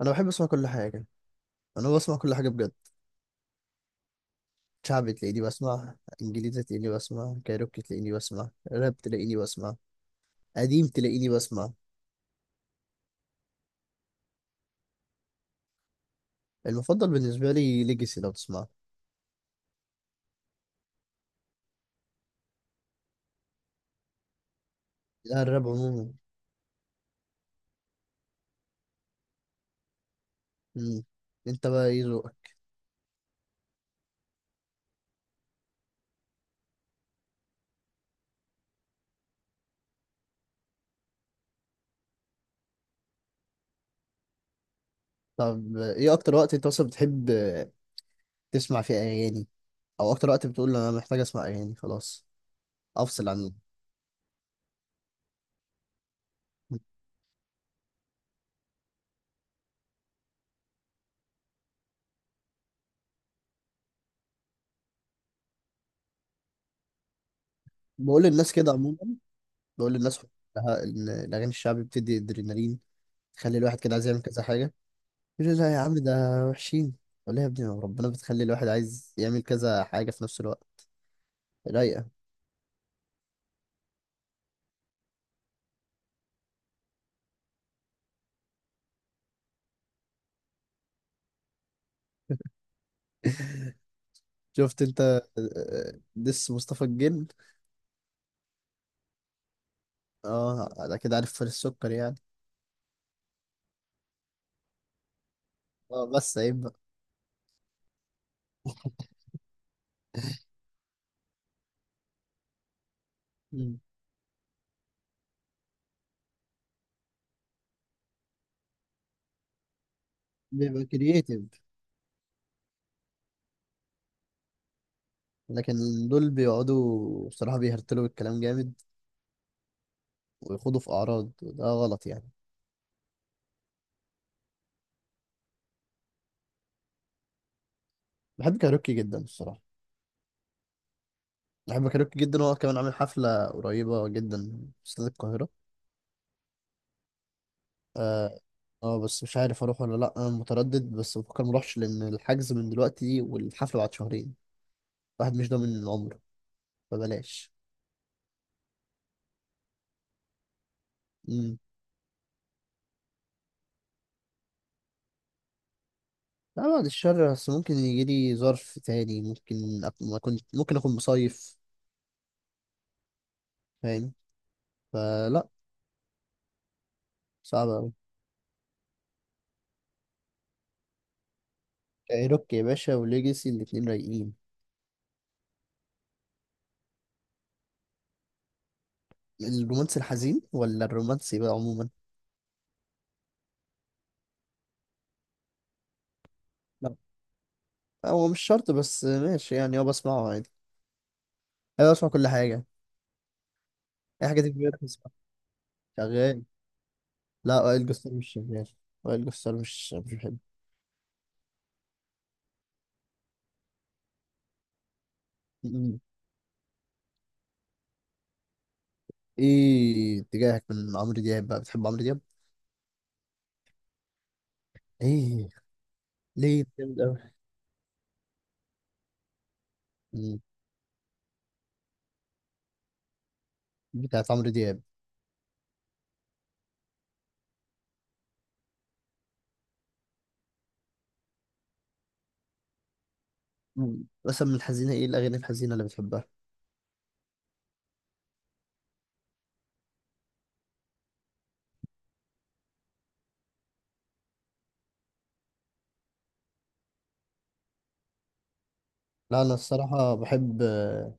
انا بحب اسمع كل حاجه. انا بسمع كل حاجه بجد. شعبي تلاقيني بسمع. انجليزي تلاقيني بسمع، كايروكي تلاقيني بسمع، راب تلاقيني بسمع. قديم تلاقيني بسمع. المفضل بالنسبه لي ليجاسي لو تسمع. لا، الراب عموما. مم. انت بقى ايه ذوقك؟ طب ايه اكتر وقت انت اصلا بتحب تسمع فيه اغاني؟ او اكتر وقت بتقول انا محتاج اسمع اغاني خلاص؟ افصل عن. بقول للناس كده عموما. بقول للناس كلها ان الاغاني الشعبي بتدي ادرينالين. تخلي الواحد كده عايز يعمل كذا حاجه. يقول لي لا يا عم، ده وحشين. ولا يا ابني، ربنا بتخلي الواحد عايز يعمل كذا حاجة في نفس الوقت. رايقة. شفت انت. دس مصطفى الجن. اه، ده كده عارف فارس السكر يعني. اه، بس عيب بقى. مم. بيبقى كرييتيف. لكن دول بيقعدوا بصراحة بيهرتلوا الكلام جامد، ويخوضوا في أعراض وده غلط يعني. بحب كايروكي جدا الصراحة. بحب كايروكي جدا، هو كمان عامل حفلة قريبة جدا في استاد القاهرة. اه. بس مش عارف اروح ولا لا، انا متردد بس بفكر مروحش لان الحجز من دلوقتي والحفله بعد شهرين. الواحد مش ضامن العمر، فبلاش. امم. لا بعد الشر، بس ممكن يجي لي ظرف تاني، ممكن ما كنت ممكن اكون مصيف. فاهم. فلا. صعب قوي. روك يا باشا وليجاسي الاتنين رايقين. الرومانسي الحزين ولا الرومانسي بقى عموما؟ لا، هو مش شرط، بس ماشي يعني، بسمعه عادي. انا بسمع كل حاجه. اي حاجه تيجي في بالك بسمعها. شغال. لا، وائل جسار مش شغال. وائل جسار مش بحب. ايه. ايه اتجاهك من عمرو دياب بقى؟ بتحب عمرو دياب؟ ايه. ليه؟ جامد قوي. مم. بتاعت عمرو دياب. مم. مثلا من الحزينه ايه الاغاني الحزينه اللي بتحبها؟ لا انا الصراحه بحب،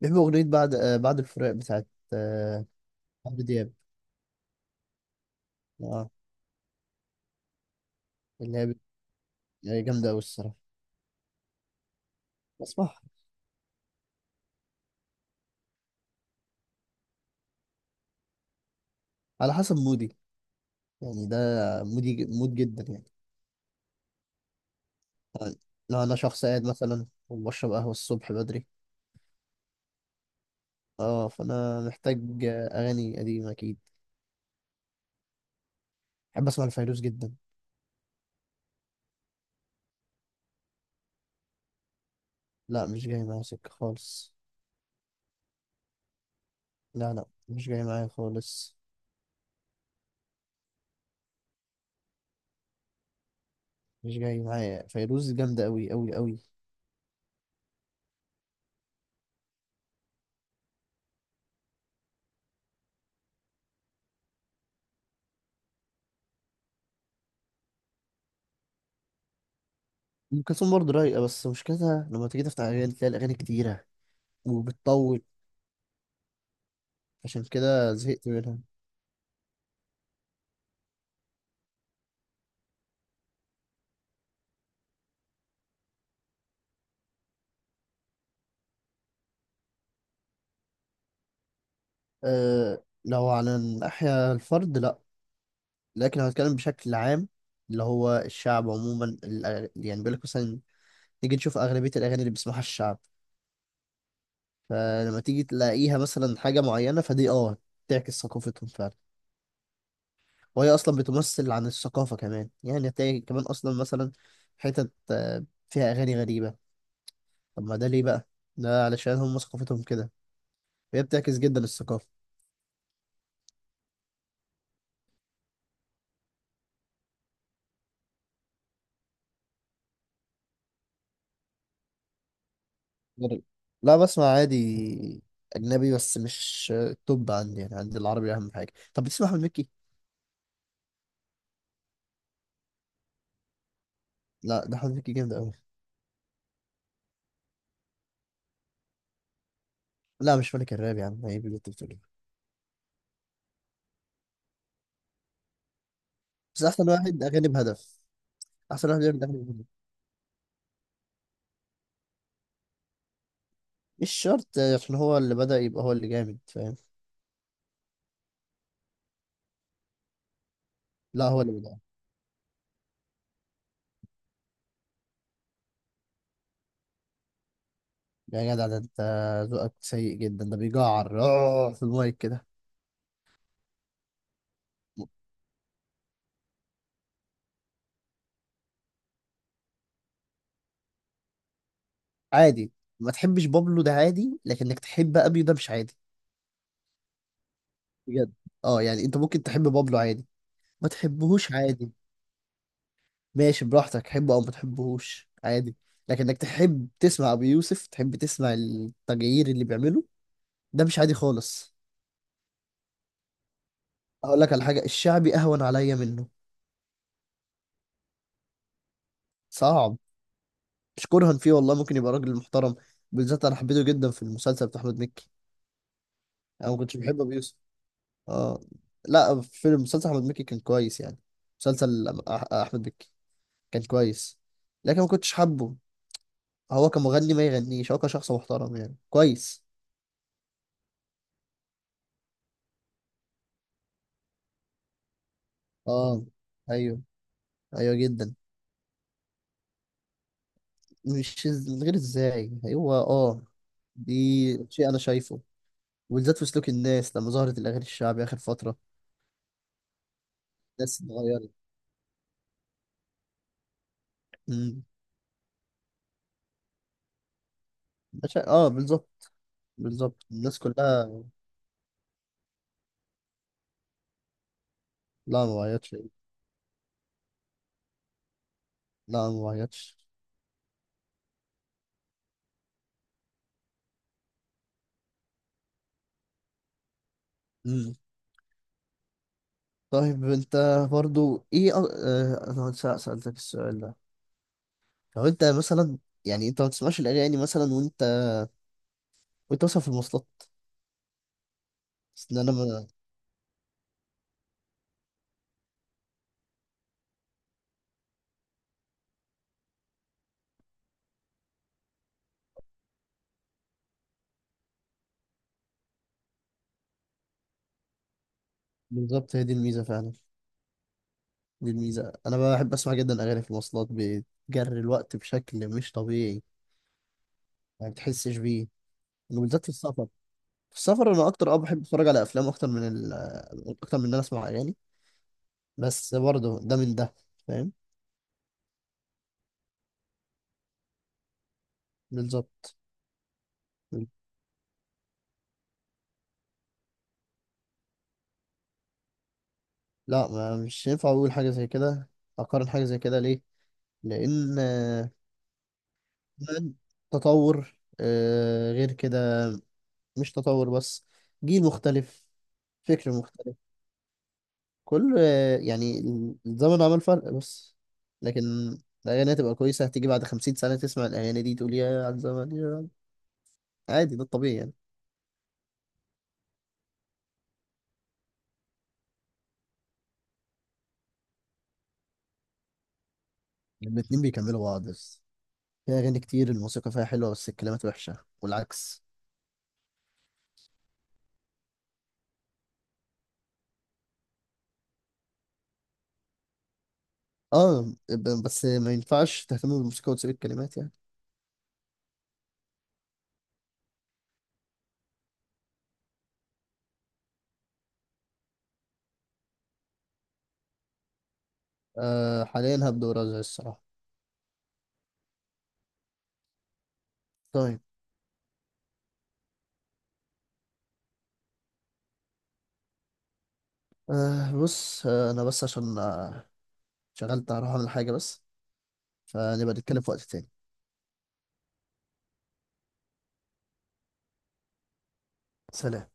بحب اغنيه بعد، بعد الفراق بتاعت آه، عمرو دياب. اه. اللي هي بت- هي جامده قوي الصراحه. بسمعها. على حسب مودي. يعني ده مودي مود جدا يعني. لو انا شخص قاعد مثلا وبشرب قهوه الصبح بدري. اه، فانا محتاج اغاني قديمه اكيد. بحب اسمع لفيروز جدا. لا، مش جاي معايا سكه خالص. لا، لا، مش جاي معايا خالص. مش جاي معايا، فيروز جامده قوي قوي قوي. ام كلثوم برضه رايقه، بس مشكلتها لما تيجي تفتح اغاني تلاقي الاغاني كتيره، وبتطول. عشان كده زهقت منها. أه، لو على الناحيه الفرد لا. لكن لو هتكلم بشكل عام، اللي هو الشعب عموما، يعني بيقول لك مثلا نيجي نشوف اغلبيه الاغاني اللي بيسمعها الشعب. فلما تيجي تلاقيها مثلا حاجة معينة فدي تعكس ثقافتهم فعلا. وهي أصلا بتمثل عن الثقافة كمان، يعني هتلاقي كمان أصلا مثلا حتت فيها أغاني غريبة. طب ما ده ليه بقى؟ ده علشان هم ثقافتهم كده. هي بتعكس جدا الثقافة. غريب. لا، بسمع عادي. أجنبي، بس مش التوب عندي، يعني عندي العربي أهم حاجة. طب بتسمع أحمد مكي؟ لا، ده أحمد مكي جامد أوي. لا، مش ملك الراب يا عم، عيب اللي أنت بتقوله. بس أحسن واحد أغاني بهدف. أحسن واحد بيعمل أغاني بهدف. مش شرط. عشان هو اللي بدأ يبقى هو اللي جامد؟ فاهم. لا، هو اللي بدأ. يعني يا جدع، ده انت ذوقك سيء جدا، ده بيجعر في المايك كده. عادي. ما تحبش بابلو ده عادي، لكنك تحب ابيو ده مش عادي. بجد. اه، يعني انت ممكن تحب بابلو عادي، ما تحبهوش عادي. ماشي براحتك، تحبه او ما تحبهوش عادي. لكنك تحب تسمع ابو يوسف، تحب تسمع التغيير اللي بيعمله، ده مش عادي خالص. اقول لك على حاجه، الشعبي اهون عليا منه. صعب. مش كرها فيه والله، ممكن يبقى راجل محترم. بالذات انا حبيته جدا في المسلسل بتاع احمد مكي. انا ما كنتش بحب ابو يوسف. اه. لا، في مسلسل احمد مكي كان كويس يعني. مسلسل احمد مكي كان كويس. لكن ما كنتش حابه. هو كمغني ما يغنيش، هو كشخص محترم يعني كويس. اه. ايوه. ايوه جدا. مش من غير ازاي، هو دي شيء انا شايفه. وبالذات في سلوك الناس لما ظهرت الاغاني الشعبي اخر فتره. الناس اتغيرت. أمم. أنا بالظبط. بالظبط، الناس كلها. لا، ما وعيتش. لا، ما وعيتش. مم. طيب انت، برضو ايه أ... اه انا سألتك السؤال ده. لو انت مثلا، يعني انت ما بتسمعش الاغاني مثلا وانت مثلا في المواصلات. بس ان انا ما... بالظبط، هي دي الميزة فعلا. دي الميزة، انا بحب اسمع جدا اغاني في المواصلات، بتجري الوقت بشكل مش طبيعي. ما بتحسش بيه. وبالذات في السفر. في السفر انا اكتر بحب اتفرج على افلام اكتر من ال... اكتر من ان انا اسمع اغاني. بس برضو ده من ده. فاهم. بالظبط. لا ما مش ينفع اقول حاجه زي كده، اقارن حاجه زي كده ليه؟ لان فعلاً. تطور، غير كده. مش تطور بس، جيل مختلف، فكر مختلف. كل يعني الزمن عمل فرق بس. لكن الاغاني هتبقى كويسه، هتيجي بعد 50 سنه تسمع الاغاني دي تقول يا على الزمن يا. عادي، ده الطبيعي يعني. الاتنين بيكملوا بعض، بس في اغاني كتير الموسيقى فيها حلوه بس الكلمات وحشه والعكس. اه، بس ما ينفعش تهتم بالموسيقى وتسيب الكلمات يعني. حاليا هبدأ ورزع الصراحة. طيب. بص، انا بس عشان شغلت هروح اعمل حاجة بس، فنبقى نتكلم في وقت تاني. سلام.